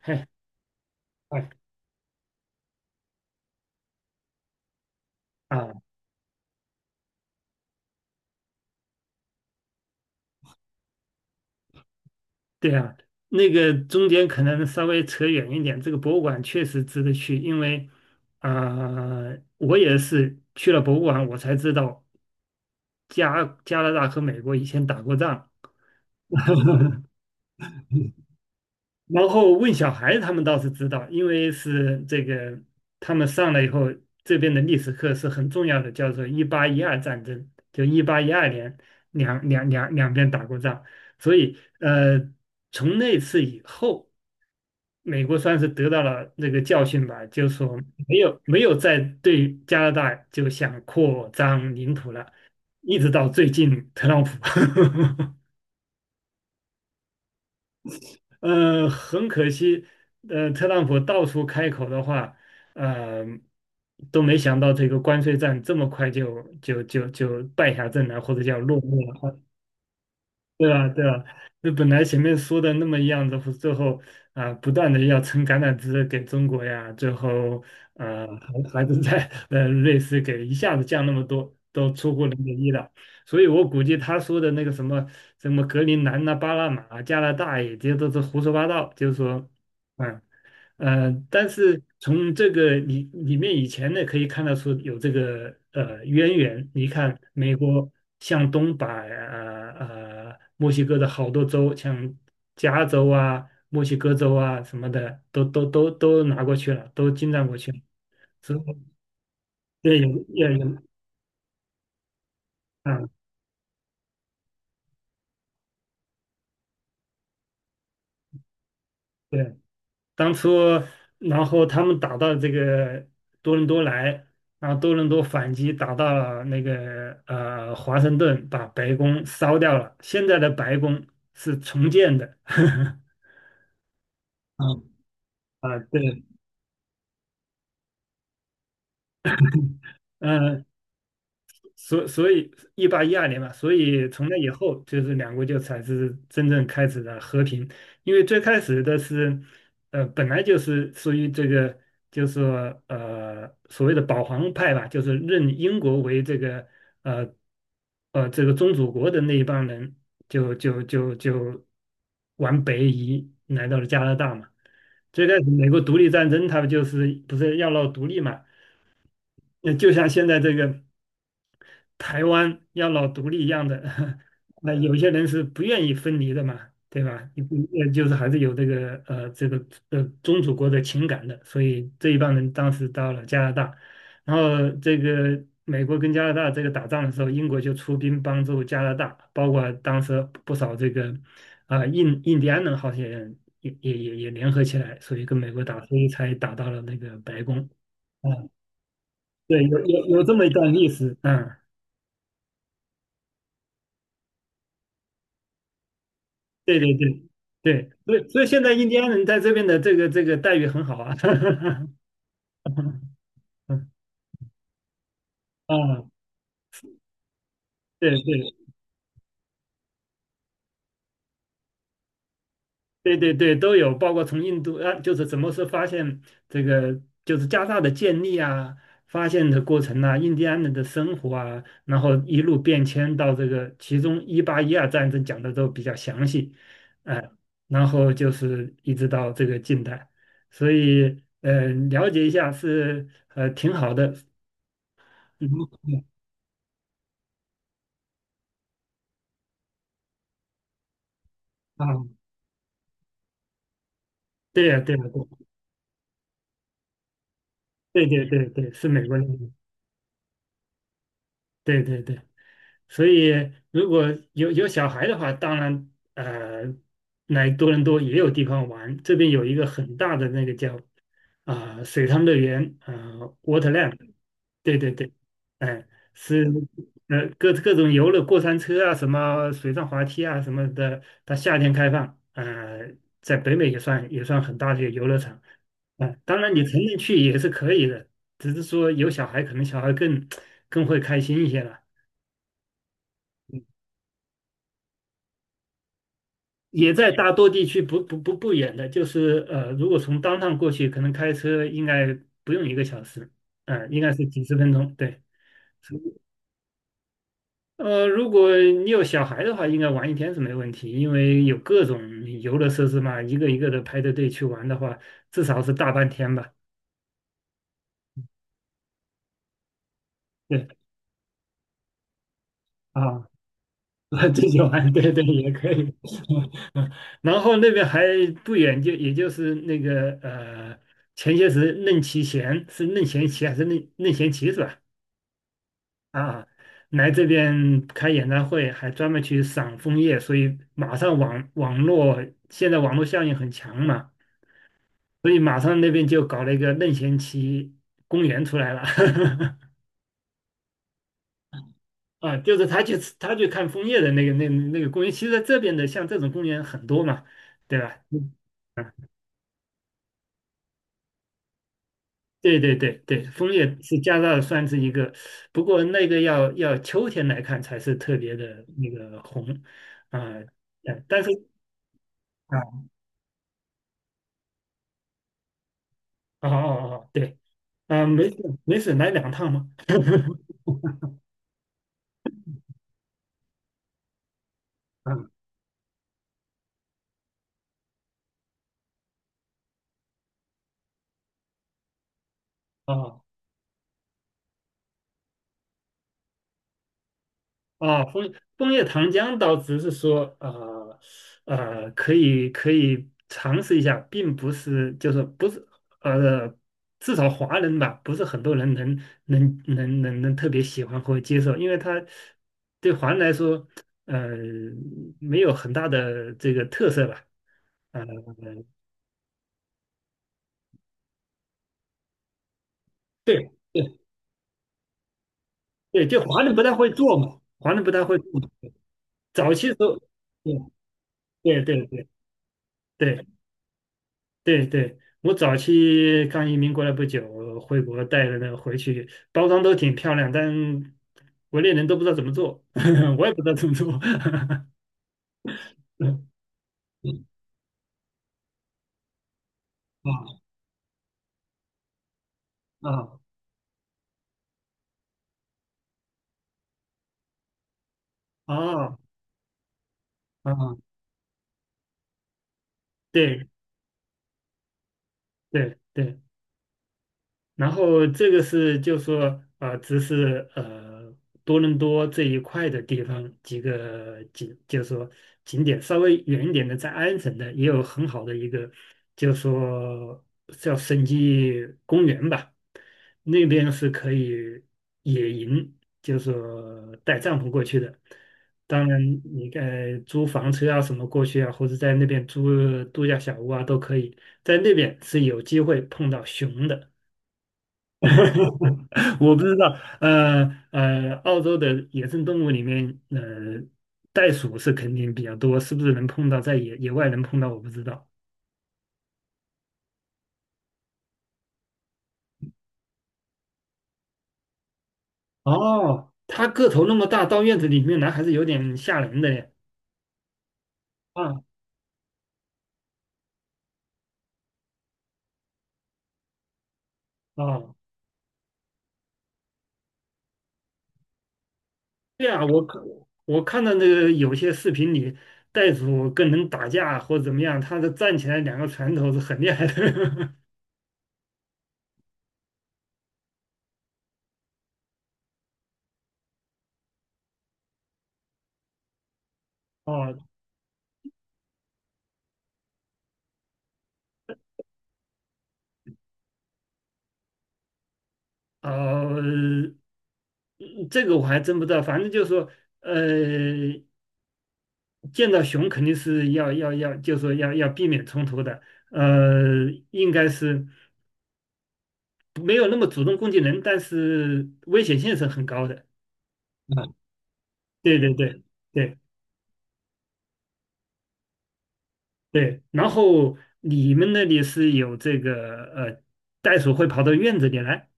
嘿，哎啊，对啊，那个中间可能稍微扯远一点，这个博物馆确实值得去，因为啊、我也是去了博物馆，我才知道加拿大和美国以前打过仗。然后问小孩，他们倒是知道，因为是这个他们上来以后，这边的历史课是很重要的，叫做一八一二战争，就一八一二年两边打过仗，所以从那次以后。美国算是得到了这个教训吧，就是说没有再对加拿大就想扩张领土了，一直到最近特朗普，很可惜，特朗普到处开口的话，呃，都没想到这个关税战这么快就败下阵来，或者叫落幕了。对啊，对啊，那本来前面说的那么样子，最后啊、不断的要撑橄榄枝给中国呀，最后呃还是在瑞士给一下子降那么多，都出乎人的意料。所以我估计他说的那个什么什么格陵兰呐、巴拿马、加拿大也这些都是胡说八道，就是说，嗯、但是从这个里面以前呢，可以看得出有这个渊源。你看，美国向东把墨西哥的好多州，像加州啊、墨西哥州啊什么的，都拿过去了，都侵占过去了。之后，对，有也有，啊对。当初，然后他们打到这个多伦多来，然后多伦多反击打到了那个华盛顿，把白宫烧掉了。现在的白宫是重建的，嗯啊，对，嗯、所以一八一二年嘛，所以从那以后，就是两国就才是真正开始了和平。因为最开始的是，本来就是属于这个，就是说所谓的保皇派吧，就是认英国为这个呃宗主国的那一帮人，就往北移来到了加拿大嘛。最开始美国独立战争，他们就是不是要闹独立嘛？那就像现在这个。台湾要老独立一样的，那有些人是不愿意分离的嘛，对吧？你不就是还是有这个宗主国的情感的，所以这一帮人当时到了加拿大，然后这个美国跟加拿大这个打仗的时候，英国就出兵帮助加拿大，包括当时不少这个啊、印第安人好些人也联合起来，所以跟美国打，所以才打到了那个白宫。嗯，对，有这么一段历史，嗯。对对对对，所以现在印第安人在这边的这个待遇很好啊，啊，对对对对对，都有，包括从印度啊，就是怎么是发现这个就是加大的建立啊，发现的过程啊，印第安人的生活啊，然后一路变迁到这个，其中一八一二战争讲的都比较详细，哎、然后就是一直到这个近代，所以了解一下是挺好的。嗯啊，对呀，对呀，对，对对对对，是美国人，对对对，所以如果有小孩的话，当然来多伦多也有地方玩。这边有一个很大的那个叫啊、水上乐园啊、Waterland，对对对，哎、是各种游乐过山车啊，什么水上滑梯啊什么的，它夏天开放，在北美也算很大的一个游乐场。啊，当然你成人去也是可以的，只是说有小孩，可能小孩更会开心一些了。也在大多地区不远的，就是如果从当趟过去，可能开车应该不用一个小时，嗯、应该是几十分钟，对。所以如果你有小孩的话，应该玩一天是没问题，因为有各种游乐设施嘛，一个一个的排着队去玩的话，至少是大半天吧。对啊，自己玩，对对也可以。然后那边还不远，就也就是那个前些时任其贤是任贤齐还是任贤齐是吧？啊，来这边开演唱会，还专门去赏枫叶，所以马上网网络现在网络效应很强嘛，所以马上那边就搞了一个任贤齐公园出来了。啊，就是他去看枫叶的那个公园，其实在这边的像这种公园很多嘛，对吧？嗯啊，对对对对，枫叶是加拿大算是一个，不过那个要秋天来看才是特别的那个红啊，但是。啊。哦哦哦，对，嗯、没事没事，来两趟嘛。嗯，哦哦，枫叶糖浆倒只是说，可以尝试一下，并不是就是不是呃，至少华人吧，不是很多人能特别喜欢或接受，因为它对华人来说，呃，没有很大的这个特色吧，呃，对对对，就华人不太会做嘛，华人不太会做。早期时候，对对对对对对对，我早期刚移民过来不久，回国带了那个回去，包装都挺漂亮，但 国内人都不知道怎么做，我也不知道怎么做。嗯啊啊啊啊！对对对。然后这个是就说只是多伦多这一块的地方几个景，就说景点稍微远一点的，在安省的也有很好的一个，就说叫省基公园吧，那边是可以野营，就说带帐篷过去的。当然，你该租房车啊什么过去啊，或者在那边租度假小屋啊都可以，在那边是有机会碰到熊的。我不知道，呃澳洲的野生动物里面，袋鼠是肯定比较多，是不是能碰到在野外能碰到？我不知道。哦，它个头那么大，到院子里面来还是有点吓人的耶。啊啊，对啊，我看到那个有些视频里，袋鼠跟人打架或怎么样，它的站起来两个拳头是很厉害的。哦，哦，这个我还真不知道，反正就是说，呃，见到熊肯定是要，就是说要避免冲突的。应该是没有那么主动攻击人，但是危险性是很高的。嗯，对对对对对。然后你们那里是有这个袋鼠会跑到院子里来，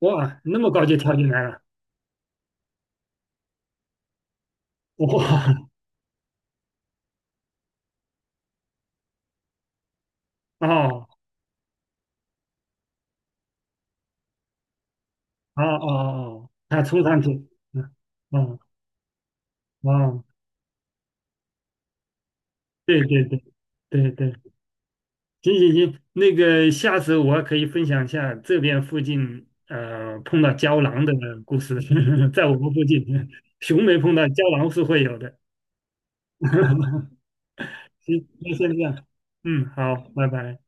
哇，那么高就跳进来了，哇，哦哦哦哦，它冲上去，嗯哦哦，对对对对对。行行行，那个下次我可以分享一下这边附近碰到胶囊的故事，在我们附近，熊没碰到，胶囊是会有的。行，那先这样，嗯，好，拜拜。